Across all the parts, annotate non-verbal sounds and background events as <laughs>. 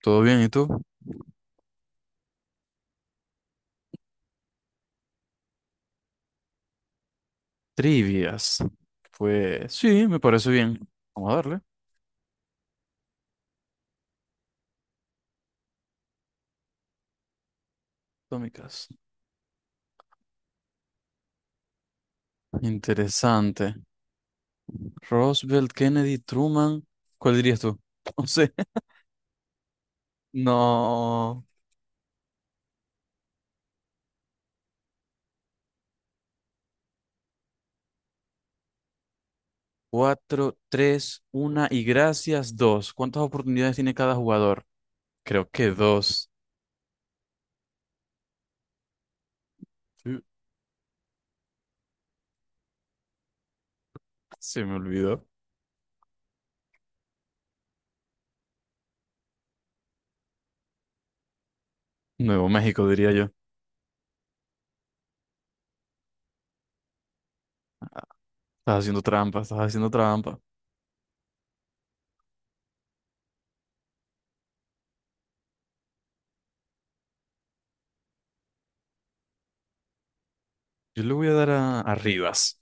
¿Todo bien? ¿Y tú? Trivias. Pues sí, me parece bien. Vamos a darle. Atómicas. Interesante. Roosevelt, Kennedy, Truman. ¿Cuál dirías tú? <laughs> No sé. No. Cuatro, tres, una y gracias, dos. ¿Cuántas oportunidades tiene cada jugador? Creo que dos. Sí, se me olvidó. Nuevo México, diría yo. Estás haciendo trampa, estás haciendo trampa. Yo le voy a dar a Rivas.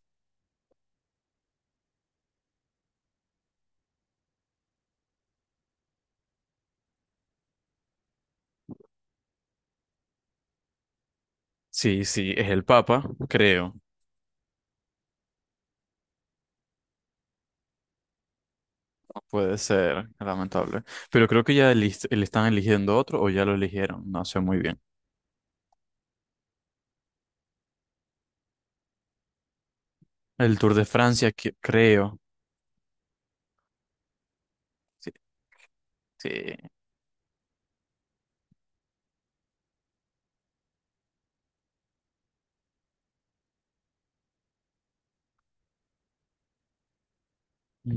Sí, sí, es el Papa, creo. Puede ser, lamentable. Pero creo que ya le están eligiendo otro o ya lo eligieron, no sé muy bien. El Tour de Francia, creo. Sí, sí.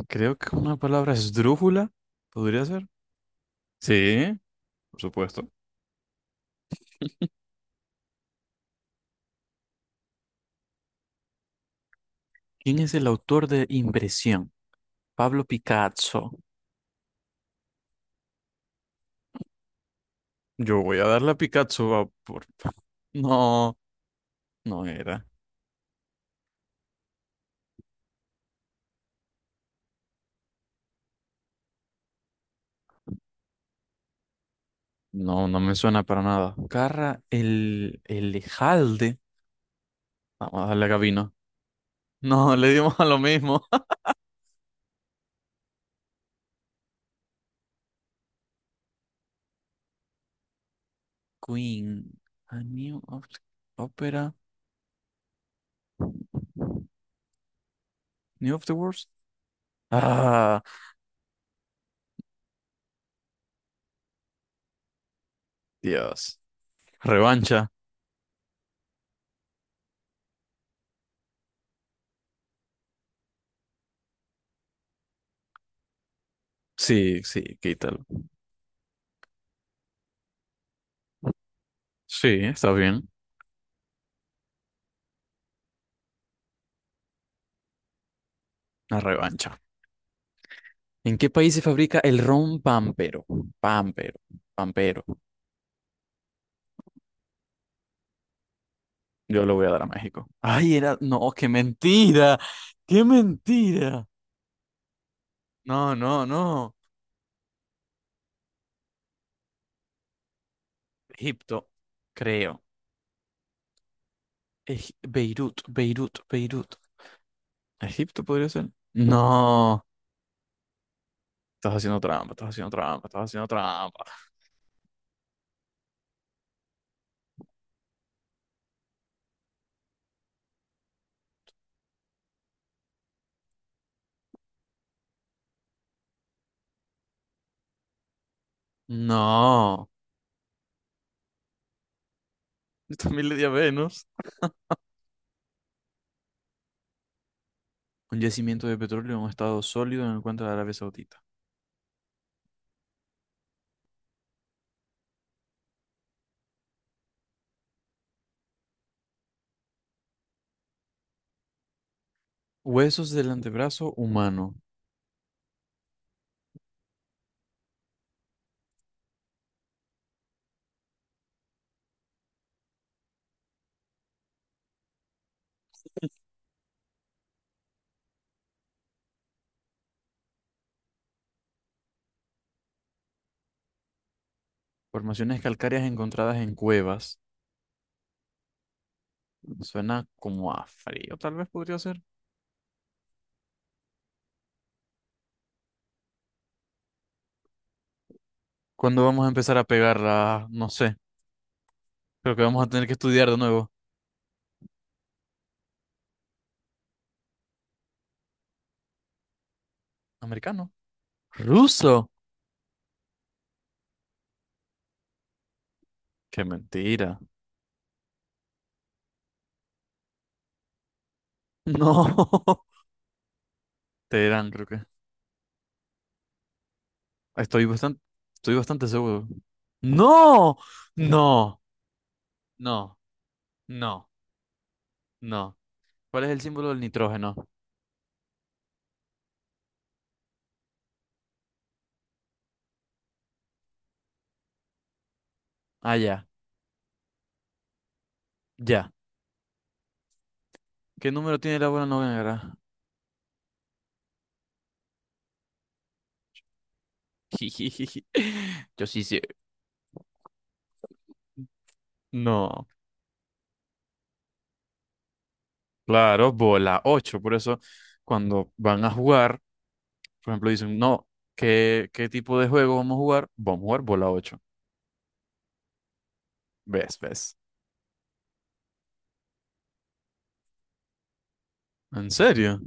Creo que una palabra esdrújula, podría ser. Sí, por supuesto. ¿Quién es el autor de Impresión? Pablo Picasso. Yo voy a darle a Picasso va, por... <laughs> No, no era. No, no me suena para nada. Carra el Ejalde. Vamos a darle a Gavino. No, le dimos a lo mismo. <laughs> Queen. A New of the Opera. New of the Words. Ah, Dios. Revancha. Sí, sí, quítalo. Sí, está bien. La revancha. ¿En qué país se fabrica el ron pampero? Pampero, pampero. Yo lo voy a dar a México. Ay, era. No, qué mentira. Qué mentira. No, no, no. Egipto, creo. Beirut, Beirut, Beirut. ¿Egipto podría ser? No. Estás haciendo trampa, estás haciendo trampa, estás haciendo trampa. No. <laughs> Yo también le di a Venus. Un yacimiento de petróleo en un estado sólido en el cuenco de Arabia Saudita. Huesos del antebrazo humano. Formaciones calcáreas encontradas en cuevas. Suena como a frío, tal vez podría ser. ¿Cuándo vamos a empezar a pegarla? No sé. Creo que vamos a tener que estudiar de nuevo. ¿Americano? ¿Ruso? ¡Qué mentira! No. <laughs> Teherán, creo que. Estoy bastante, estoy bastante seguro. ¡No! ¡No! No, no, no. ¿Cuál es el símbolo del nitrógeno? Ah, ya, ya. ¿Qué número tiene la bola negra? Jijijiji. <laughs> Yo sí sé. No, claro, bola 8. Por eso, cuando van a jugar, por ejemplo, dicen, no, ¿qué tipo de juego vamos a jugar? Vamos a jugar bola 8. ¿Ves? ¿Ves? ¿En serio?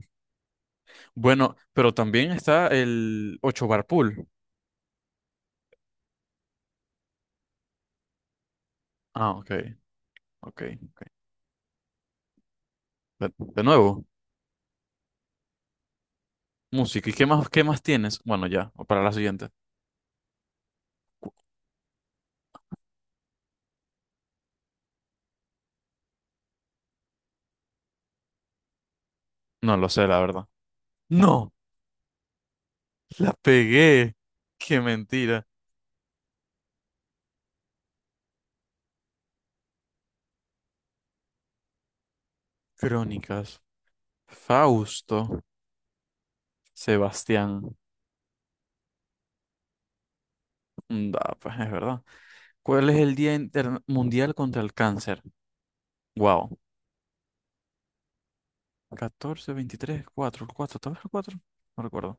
Bueno, pero también está el 8 bar pool. Ah, ok, ok, ok. De nuevo, música. ¿Y qué más tienes? Bueno, ya, para la siguiente. No lo sé, la verdad. No, la pegué. Qué mentira. Crónicas. Fausto. Sebastián. Mm, da, pues es verdad. ¿Cuál es el Día Mundial contra el Cáncer? Wow. 14 23 4 4. ¿Tal vez el 4? No recuerdo.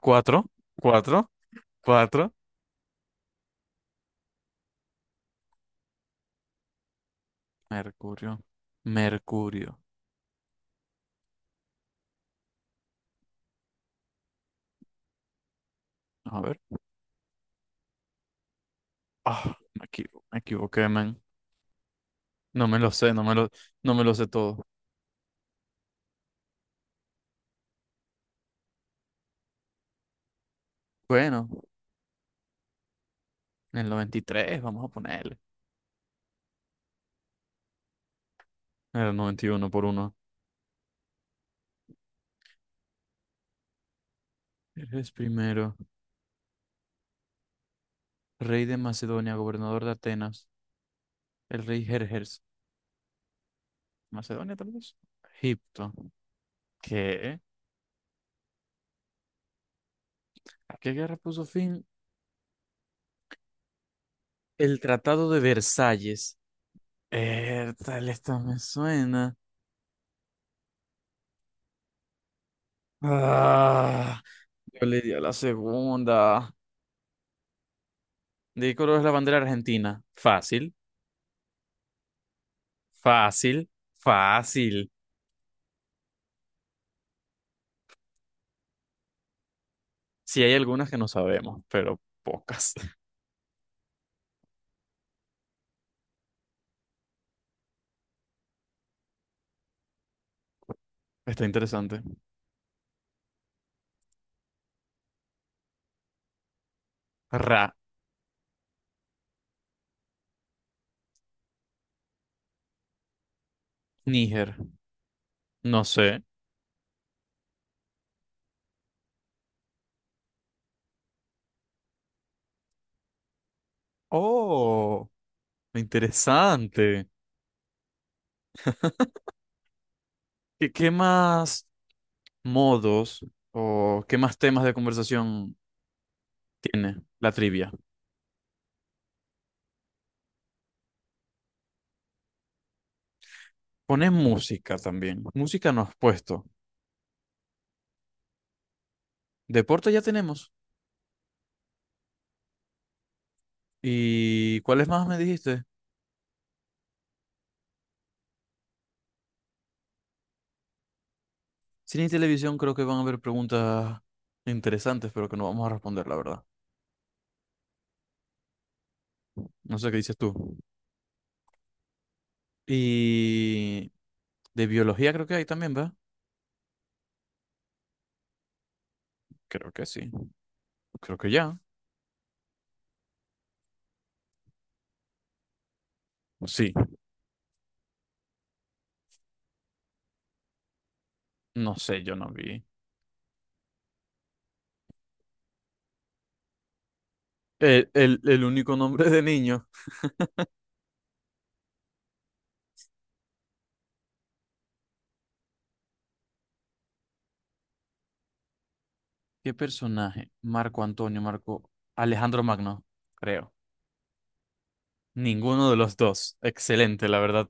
Cuatro, cuatro, cuatro. Mercurio. Mercurio. A ver. Ah, me equivoqué, man. No me lo sé, no me lo sé todo. Bueno, en el 93 vamos a ponerle. Era 91 por uno. Eres primero. Rey de Macedonia, gobernador de Atenas. El rey Jerjes. ¿Macedonia tal vez? Egipto. ¿Qué? ¿A qué guerra puso fin? El Tratado de Versalles. Tal esta me suena. Ah, yo le di a la segunda. ¿De qué color es la bandera argentina? Fácil, fácil, fácil. Sí hay algunas que no sabemos, pero pocas. <laughs> Está interesante. Ra, Níger. No sé. Oh, interesante. ¿Qué, qué más modos o qué más temas de conversación tiene la trivia? Pones música también. Música no has puesto. Deporte ya tenemos. ¿Y cuáles más me dijiste? Cine y televisión creo que van a haber preguntas interesantes, pero que no vamos a responder, la verdad. No sé qué dices tú. Y de biología creo que hay también, ¿verdad? Creo que sí. Creo que ya. Sí. No sé, yo no vi. El único nombre de niño. ¿Qué personaje? Marco Antonio, Marco Alejandro Magno, creo. Ninguno de los dos. Excelente, la verdad.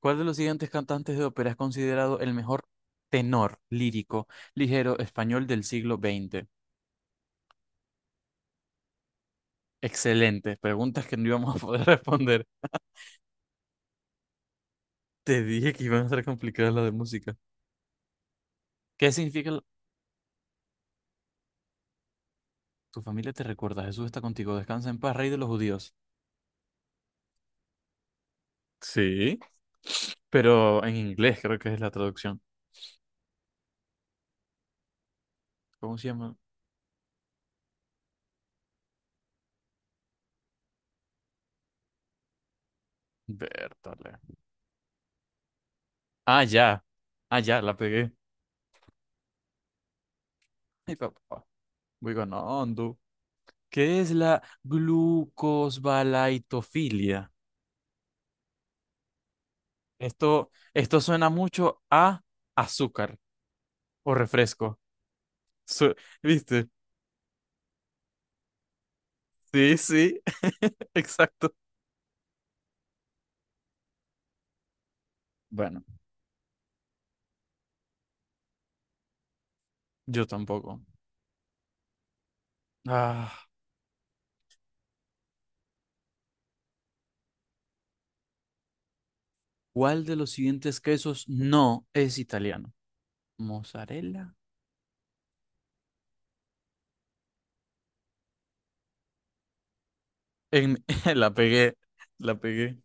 ¿Cuál de los siguientes cantantes de ópera es considerado el mejor tenor lírico ligero español del siglo XX? Excelente. Preguntas que no íbamos a poder <laughs> responder. Te dije que iban a ser complicadas las de música. ¿Qué significa el- Tu familia te recuerda. Jesús está contigo. Descansa en paz, rey de los judíos. Sí, pero en inglés creo que es la traducción. ¿Cómo se llama? Bertale. Ah, ya. Ah, ya, la pegué. <laughs> Ay, papá. Voy ganando. ¿Qué es la glucosbalaitofilia? Esto suena mucho a azúcar o refresco. Su- ¿Viste? Sí, sí, <laughs> exacto. Bueno, yo tampoco. Ah, ¿cuál de los siguientes quesos no es italiano? ¿Mozzarella? En- <laughs> la pegué, la pegué.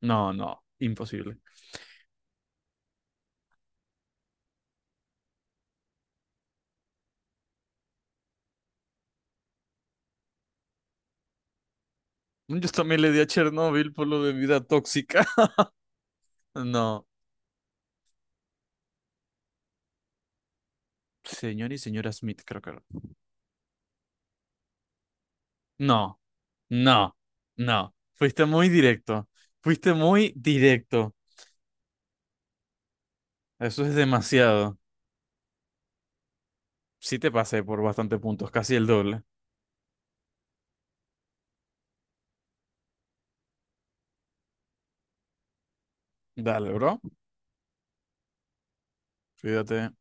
No, no, imposible. Yo también le di a Chernobyl por lo de vida tóxica. <laughs> No, señor y señora Smith, creo que era. No. No, no. Fuiste muy directo. Fuiste muy directo. Eso es demasiado. Sí te pasé por bastante puntos, casi el doble. Dale, bro. Cuídate.